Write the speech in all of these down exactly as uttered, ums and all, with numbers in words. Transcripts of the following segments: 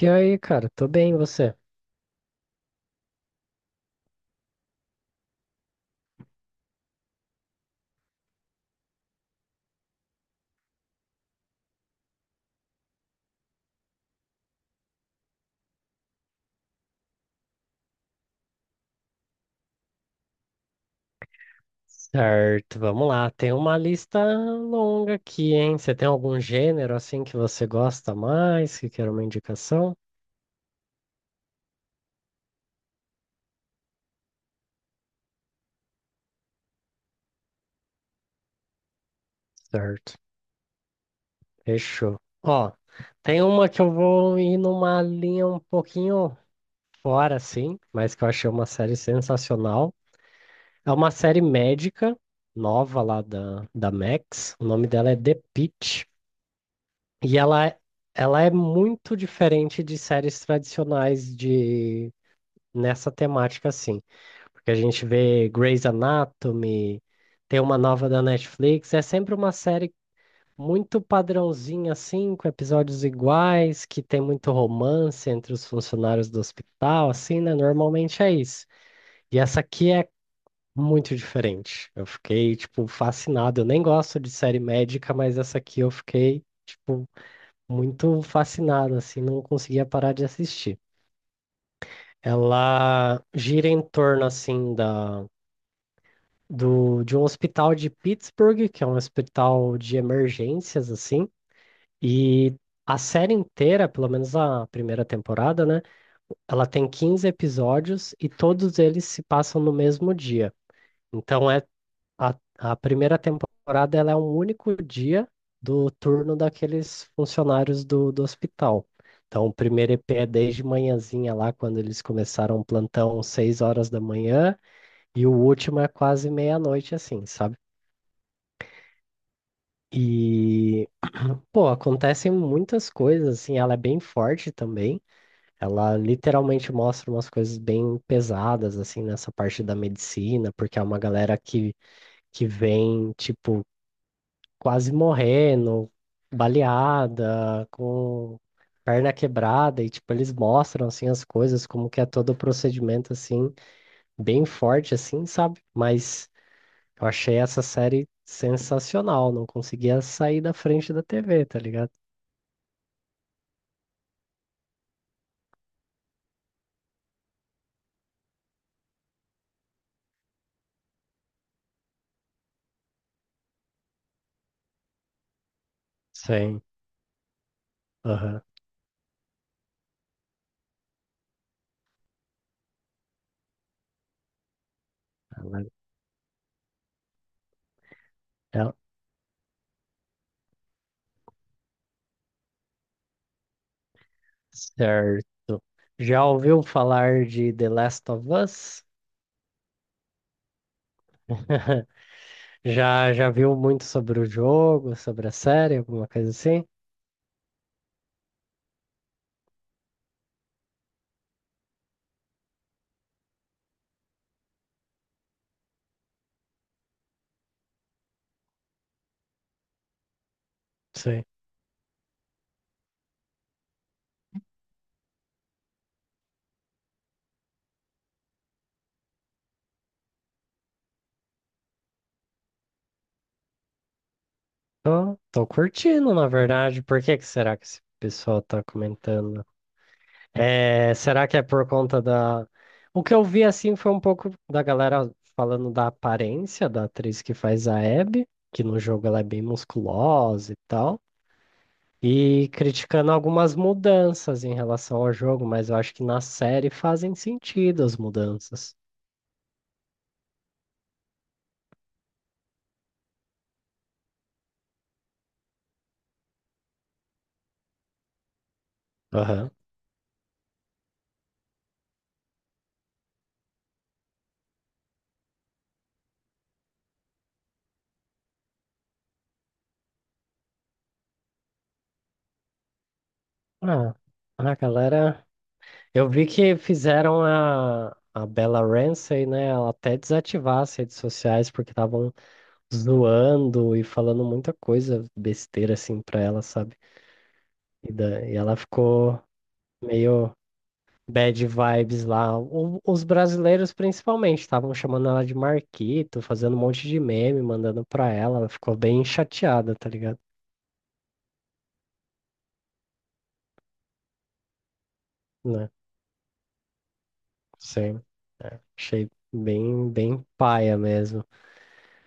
E aí, cara, tô bem, e você? Certo, vamos lá. Tem uma lista longa aqui, hein? Você tem algum gênero assim que você gosta mais, que quer uma indicação? Certo, fechou. Ó, tem uma que eu vou ir numa linha um pouquinho fora, assim, mas que eu achei uma série sensacional. É uma série médica nova lá da, da Max. O nome dela é The Pitt. E ela, é- ela é muito diferente de séries tradicionais de nessa temática, assim. Porque a gente vê Grey's Anatomy, tem uma nova da Netflix, é sempre uma série muito padrãozinha, assim, com episódios iguais, que tem muito romance entre os funcionários do hospital, assim, né? Normalmente é isso. E essa aqui é muito diferente. Eu fiquei, tipo, fascinado. Eu nem gosto de série médica, mas essa aqui eu fiquei, tipo, muito fascinado, assim, não conseguia parar de assistir. Ela gira em torno, assim, da do, de um hospital de Pittsburgh, que é um hospital de emergências, assim, e a série inteira, pelo menos a primeira temporada, né? Ela tem quinze episódios e todos eles se passam no mesmo dia. Então é a, a primeira temporada ela é um único dia do turno daqueles funcionários do, do hospital. Então o primeiro E P é desde manhãzinha lá, quando eles começaram o plantão, seis horas da manhã, e o último é quase meia-noite, assim, sabe? E, pô, acontecem muitas coisas, assim, ela é bem forte também. Ela literalmente mostra umas coisas bem pesadas, assim, nessa parte da medicina, porque é uma galera que, que vem, tipo, quase morrendo, baleada, com perna quebrada, e, tipo, eles mostram, assim, as coisas, como que é todo o procedimento, assim, bem forte, assim, sabe? Mas eu achei essa série sensacional, não conseguia sair da frente da T V, tá ligado? Sim. Aham. Ela- ela- Certo. Já ouviu falar de The Last of Us? Já, já viu muito sobre o jogo, sobre a série, alguma coisa assim? Sim. Tô, tô curtindo, na verdade. Por que que será que esse pessoal tá comentando? É, será que é por conta da. O que eu vi assim foi um pouco da galera falando da aparência da atriz que faz a Abby, que no jogo ela é bem musculosa e tal. E criticando algumas mudanças em relação ao jogo, mas eu acho que na série fazem sentido as mudanças. Aham. Ah, a galera. Eu vi que fizeram a, a Bella Ramsey, né? Ela até desativar as redes sociais porque estavam zoando e falando muita coisa besteira assim pra ela, sabe? E, da, e ela ficou meio bad vibes lá. O- os brasileiros, principalmente, estavam chamando ela de Marquito, fazendo um monte de meme, mandando pra ela. Ela ficou bem chateada, tá ligado? Né? Sim, achei bem, bem paia mesmo.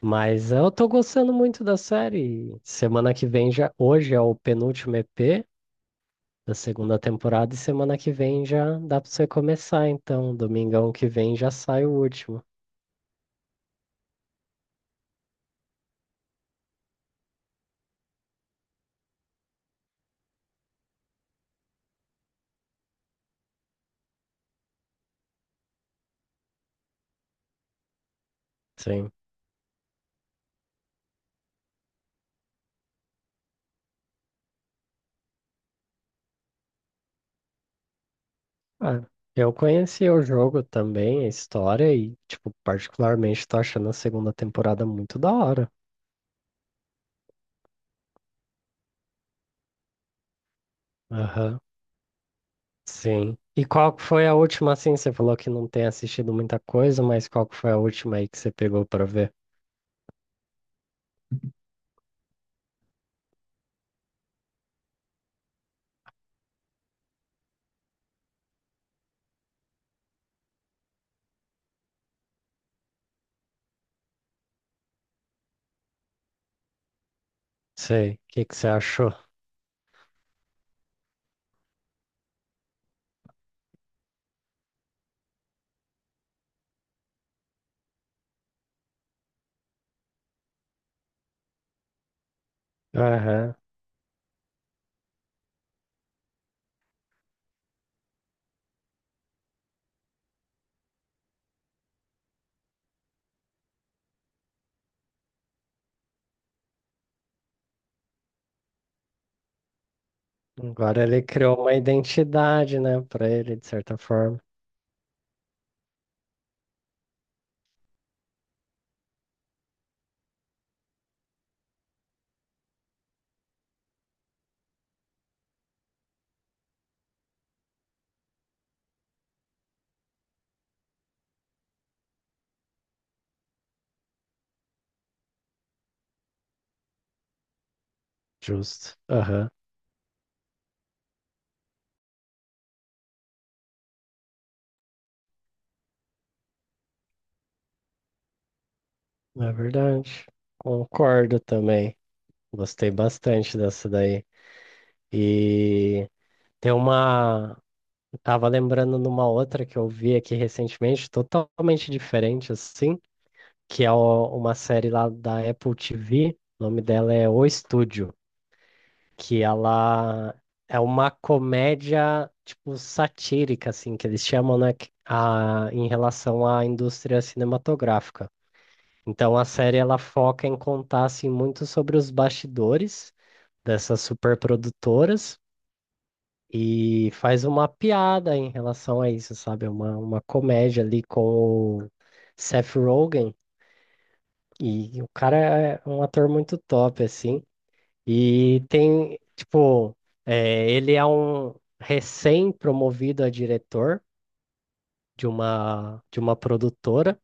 Mas eu tô gostando muito da série. Semana que vem já. Hoje é o penúltimo E P da segunda temporada, e semana que vem já dá pra você começar. Então, domingão que vem já sai o último. Sim. Ah, eu conheci o jogo também, a história, e, tipo, particularmente tô achando a segunda temporada muito da hora. Aham, sim. E qual que foi a última, assim? Você falou que não tem assistido muita coisa, mas qual que foi a última aí que você pegou pra ver? Sei, o que que você achou? Aham. Agora ele criou uma identidade, né, pra ele, de certa forma. Justo. Aham, é verdade. Concordo também. Gostei bastante dessa daí. E tem uma. Tava lembrando numa outra que eu vi aqui recentemente, totalmente diferente assim, que é o- uma série lá da Apple T V, o nome dela é O Estúdio, que ela é uma comédia tipo satírica assim, que eles chamam, né, que- a, em relação à indústria cinematográfica. Então a série ela foca em contar assim muito sobre os bastidores dessas superprodutoras e faz uma piada em relação a isso, sabe? É Uma, uma comédia ali com o Seth Rogen. E o cara é um ator muito top, assim. E tem, tipo, é, ele é um recém-promovido a diretor de uma, de uma produtora.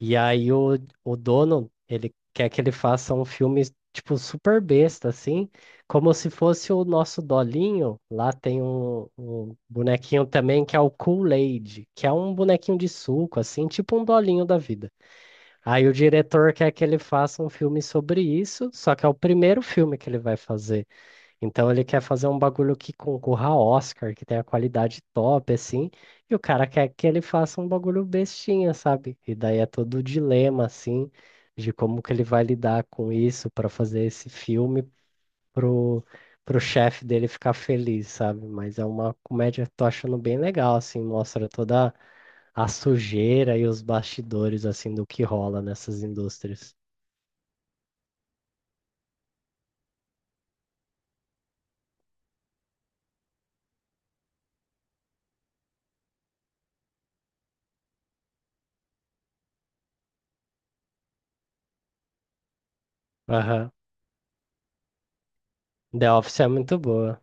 E aí o, o dono, ele quer que ele faça um filme, tipo, super besta, assim, como se fosse o nosso Dolinho. Lá tem um, um bonequinho também que é o Kool-Aid, que é um bonequinho de suco, assim, tipo um Dolinho da vida. Aí o diretor quer que ele faça um filme sobre isso, só que é o primeiro filme que ele vai fazer. Então ele quer fazer um bagulho que concorra a Oscar, que tenha qualidade top, assim, e o cara quer que ele faça um bagulho bestinha, sabe? E daí é todo o dilema, assim, de como que ele vai lidar com isso para fazer esse filme pro, pro chefe dele ficar feliz, sabe? Mas é uma comédia que tô achando bem legal, assim, mostra toda a sujeira e os bastidores, assim, do que rola nessas indústrias. Aham. The Office é muito boa.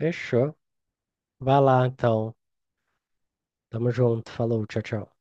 Fechou. Vai lá, então. Tamo junto, falou, tchau, tchau.